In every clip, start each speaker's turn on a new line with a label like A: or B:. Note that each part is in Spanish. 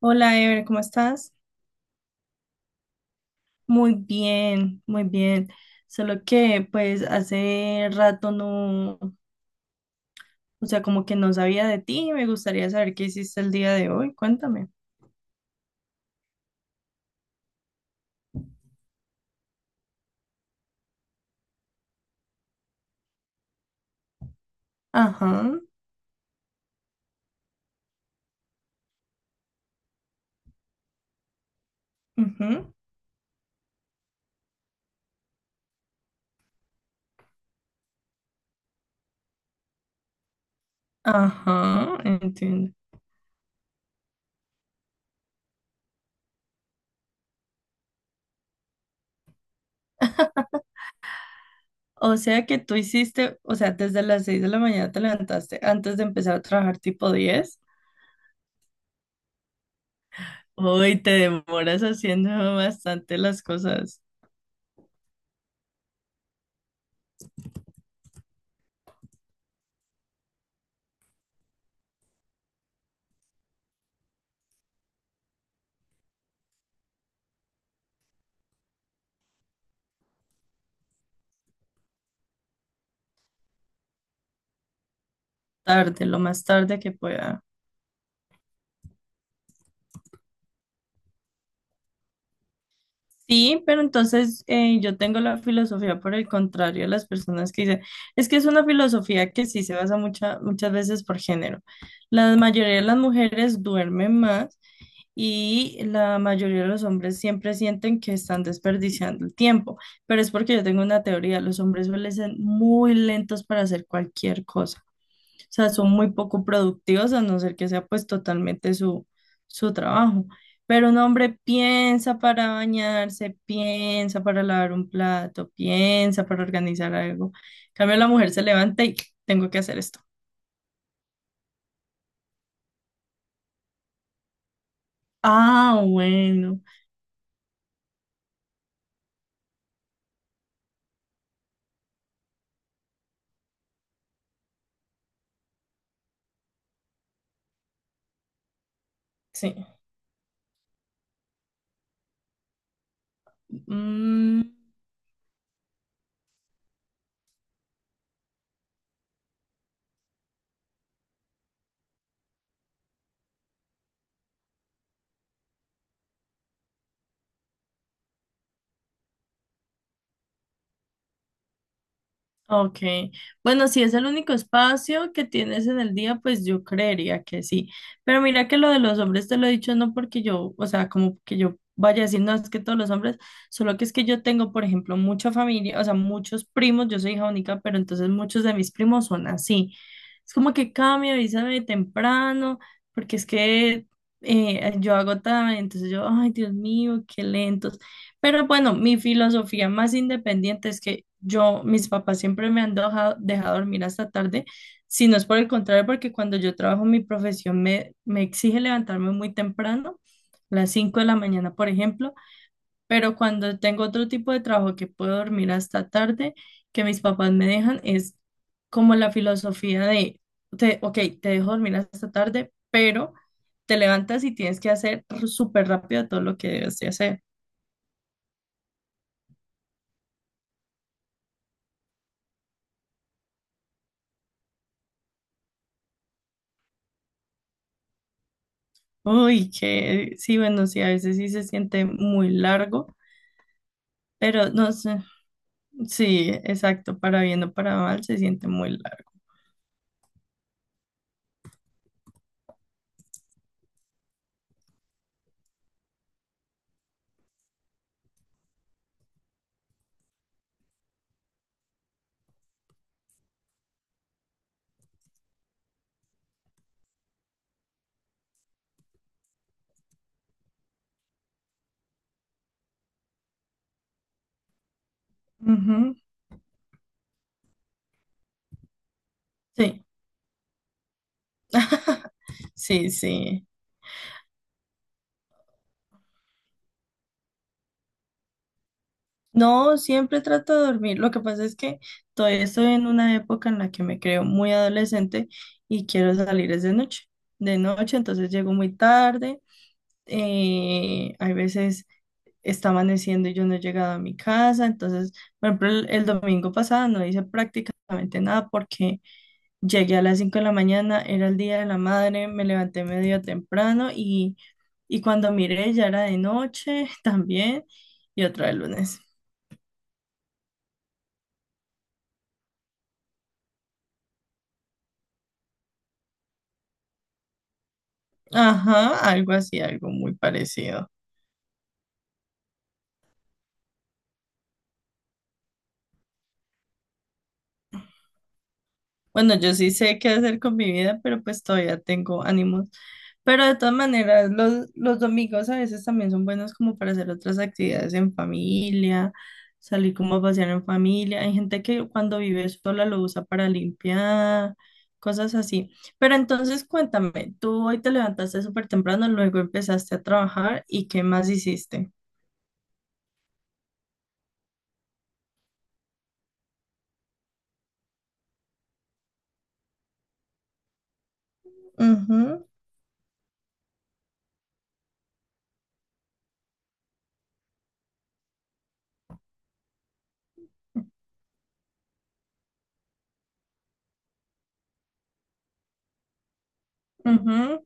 A: Hola, Ever, ¿cómo estás? Muy bien, muy bien. Solo que pues hace rato no, o sea, como que no sabía de ti y me gustaría saber qué hiciste el día de hoy. Cuéntame. Ajá, ujú, ajá, entiendo. O sea que tú hiciste, o sea, desde las 6 de la mañana te levantaste antes de empezar a trabajar tipo 10. Hoy te demoras haciendo bastante las cosas tarde, lo más tarde que pueda. Sí, pero entonces yo tengo la filosofía por el contrario a las personas que dicen, es que es una filosofía que sí se basa muchas veces por género. La mayoría de las mujeres duermen más y la mayoría de los hombres siempre sienten que están desperdiciando el tiempo, pero es porque yo tengo una teoría, los hombres suelen ser muy lentos para hacer cualquier cosa. O sea, son muy poco productivos a no ser que sea pues totalmente su, su trabajo. Pero un hombre piensa para bañarse, piensa para lavar un plato, piensa para organizar algo. En cambio, la mujer se levanta y tengo que hacer esto. Ah, bueno, sí. Mm. Ok, bueno, si es el único espacio que tienes en el día, pues yo creería que sí. Pero mira que lo de los hombres te lo he dicho no porque yo, o sea, como que yo vaya a decir, no, es que todos los hombres, solo que es que yo tengo, por ejemplo, mucha familia, o sea, muchos primos, yo soy hija única, pero entonces muchos de mis primos son así. Es como que cambia, avísame temprano, porque es que yo hago tarde, entonces yo, ay, Dios mío, qué lento. Pero bueno, mi filosofía más independiente es que yo, mis papás siempre me han dejado dormir hasta tarde, si no es por el contrario, porque cuando yo trabajo mi profesión me exige levantarme muy temprano, las 5 de la mañana, por ejemplo, pero cuando tengo otro tipo de trabajo que puedo dormir hasta tarde, que mis papás me dejan, es como la filosofía de, te, ok, te dejo dormir hasta tarde, pero te levantas y tienes que hacer súper rápido todo lo que debes de hacer. Uy, que sí, bueno, sí, a veces sí se siente muy largo, pero no sé, sí, exacto, para bien o para mal se siente muy largo. Ujú. Sí, sí, sí. No, siempre trato de dormir. Lo que pasa es que todavía estoy en una época en la que me creo muy adolescente y quiero salir es de noche. De noche, entonces llego muy tarde. Hay veces está amaneciendo y yo no he llegado a mi casa. Entonces, por ejemplo, el domingo pasado no hice prácticamente nada porque llegué a las 5 de la mañana, era el día de la madre, me levanté medio temprano y cuando miré ya era de noche también y otra vez lunes. Ajá, algo así, algo muy parecido. Bueno, yo sí sé qué hacer con mi vida, pero pues todavía tengo ánimos. Pero de todas maneras, los domingos a veces también son buenos como para hacer otras actividades en familia, salir como a pasear en familia. Hay gente que cuando vive sola lo usa para limpiar, cosas así. Pero entonces cuéntame, tú hoy te levantaste súper temprano, luego empezaste a trabajar y ¿qué más hiciste? Ujú, ujú.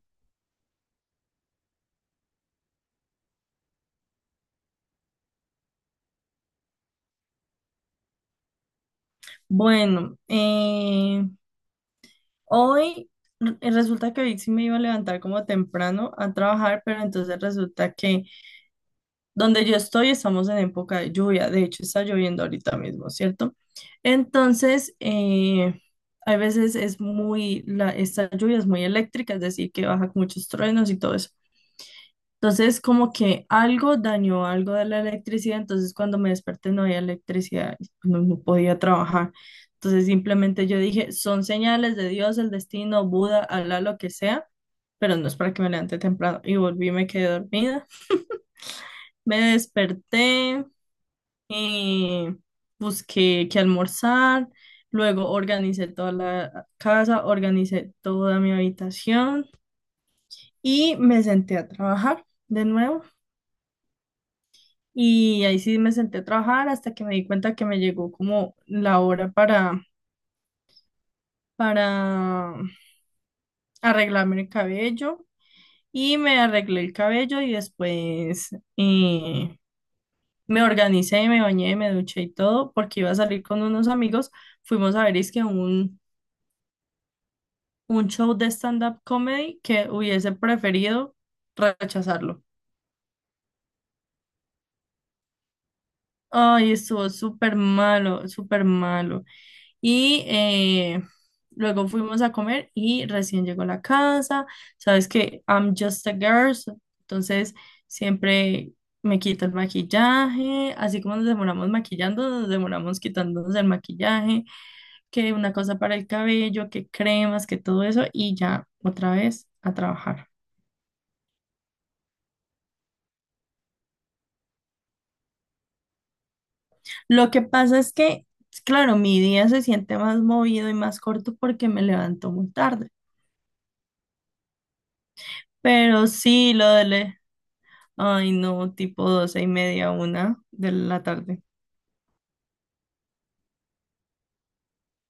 A: Bueno, hoy resulta que hoy sí me iba a levantar como temprano a trabajar, pero entonces resulta que donde yo estoy estamos en época de lluvia. De hecho, está lloviendo ahorita mismo, ¿cierto? Entonces, hay veces es muy, la, esta lluvia es muy eléctrica, es decir, que baja con muchos truenos y todo eso. Entonces, como que algo dañó algo de la electricidad, entonces cuando me desperté no había electricidad, y no, no podía trabajar. Entonces, simplemente yo dije, son señales de Dios, el destino, Buda, Alá, lo que sea, pero no es para que me levante temprano. Y volví, me quedé dormida. Me desperté, eh, busqué qué almorzar, luego organicé toda la casa, organicé toda mi habitación y me senté a trabajar de nuevo. Y ahí sí me senté a trabajar hasta que me di cuenta que me llegó como la hora para arreglarme el cabello. Y me arreglé el cabello y después eh, me organicé, me bañé, me duché y todo porque iba a salir con unos amigos. Fuimos a ver, es que un show de stand-up comedy que hubiese preferido rechazarlo. Ay, estuvo súper malo, súper malo. Y luego fuimos a comer y recién llegó a la casa. Sabes que I'm just a girl, entonces siempre me quito el maquillaje. Así como nos demoramos maquillando, nos demoramos quitándonos el maquillaje, que una cosa para el cabello, que cremas, que todo eso, y ya otra vez a trabajar. Lo que pasa es que, claro, mi día se siente más movido y más corto porque me levanto muy tarde. Pero sí, lo de, Ay, no, tipo 12 y media, 1 de la tarde.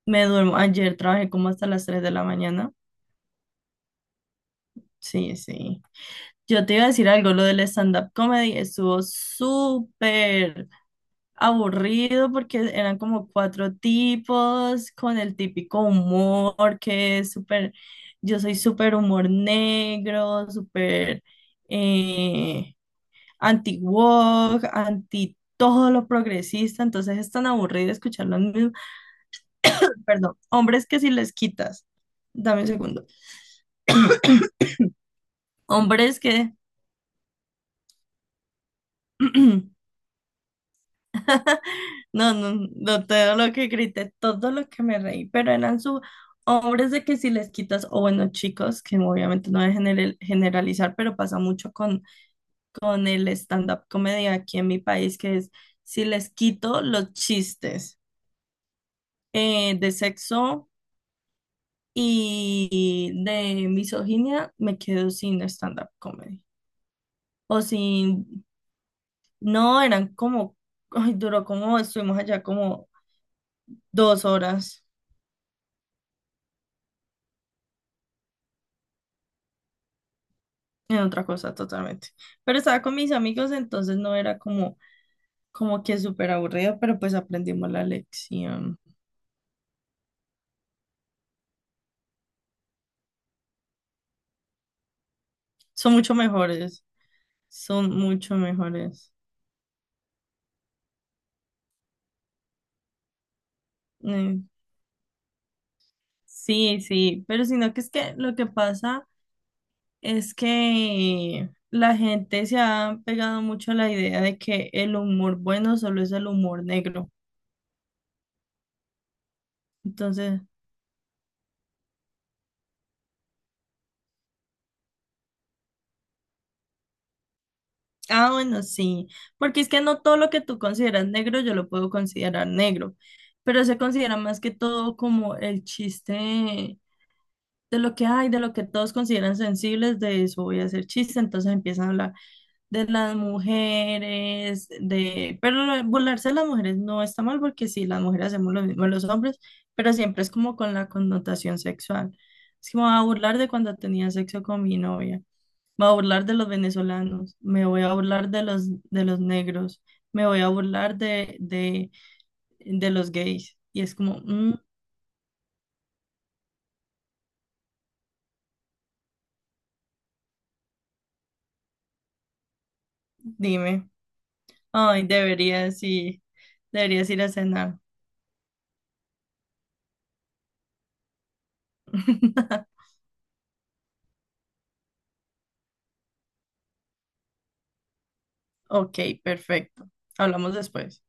A: Me duermo. Ayer trabajé como hasta las 3 de la mañana. Sí, sí. Yo te iba a decir algo, lo del stand-up comedy estuvo súper aburrido porque eran como cuatro tipos con el típico humor que es súper, yo soy súper humor negro, súper eh, anti-woke, anti todo lo progresista, entonces es tan aburrido escucharlo perdón, hombres que si les quitas, dame un segundo, hombres que, no, no, no, todo lo que grité, todo lo que me reí, pero eran su hombres de que si les quitas, o bueno, chicos, que obviamente no voy a generalizar, pero pasa mucho con el stand-up comedy aquí en mi país, que es si les quito los chistes de sexo y de misoginia, me quedo sin stand-up comedy o sin No, eran como, ay, duró como, estuvimos allá como 2 horas en otra cosa totalmente. Pero estaba con mis amigos, entonces no era como, como que súper aburrido, pero pues aprendimos la lección. Son mucho mejores, son mucho mejores. Eh, sí, sí, pero sino que es que lo que pasa es que la gente se ha pegado mucho a la idea de que el humor bueno solo es el humor negro. Entonces... Ah, bueno, sí, porque es que no todo lo que tú consideras negro yo lo puedo considerar negro, pero se considera más que todo como el chiste de lo que hay, de lo que todos consideran sensibles, de eso voy a hacer chiste, entonces empiezan a hablar de las mujeres, de... Pero lo de burlarse de las mujeres no está mal porque sí, las mujeres hacemos lo mismo de los hombres, pero siempre es como con la connotación sexual. Es como a burlar de cuando tenía sexo con mi novia. Me voy a burlar de los venezolanos, me voy a burlar de los negros, me voy a burlar de, de los gays. Y es como, "Mm, dime, ay, deberías ir a cenar. Ok, perfecto. Hablamos después.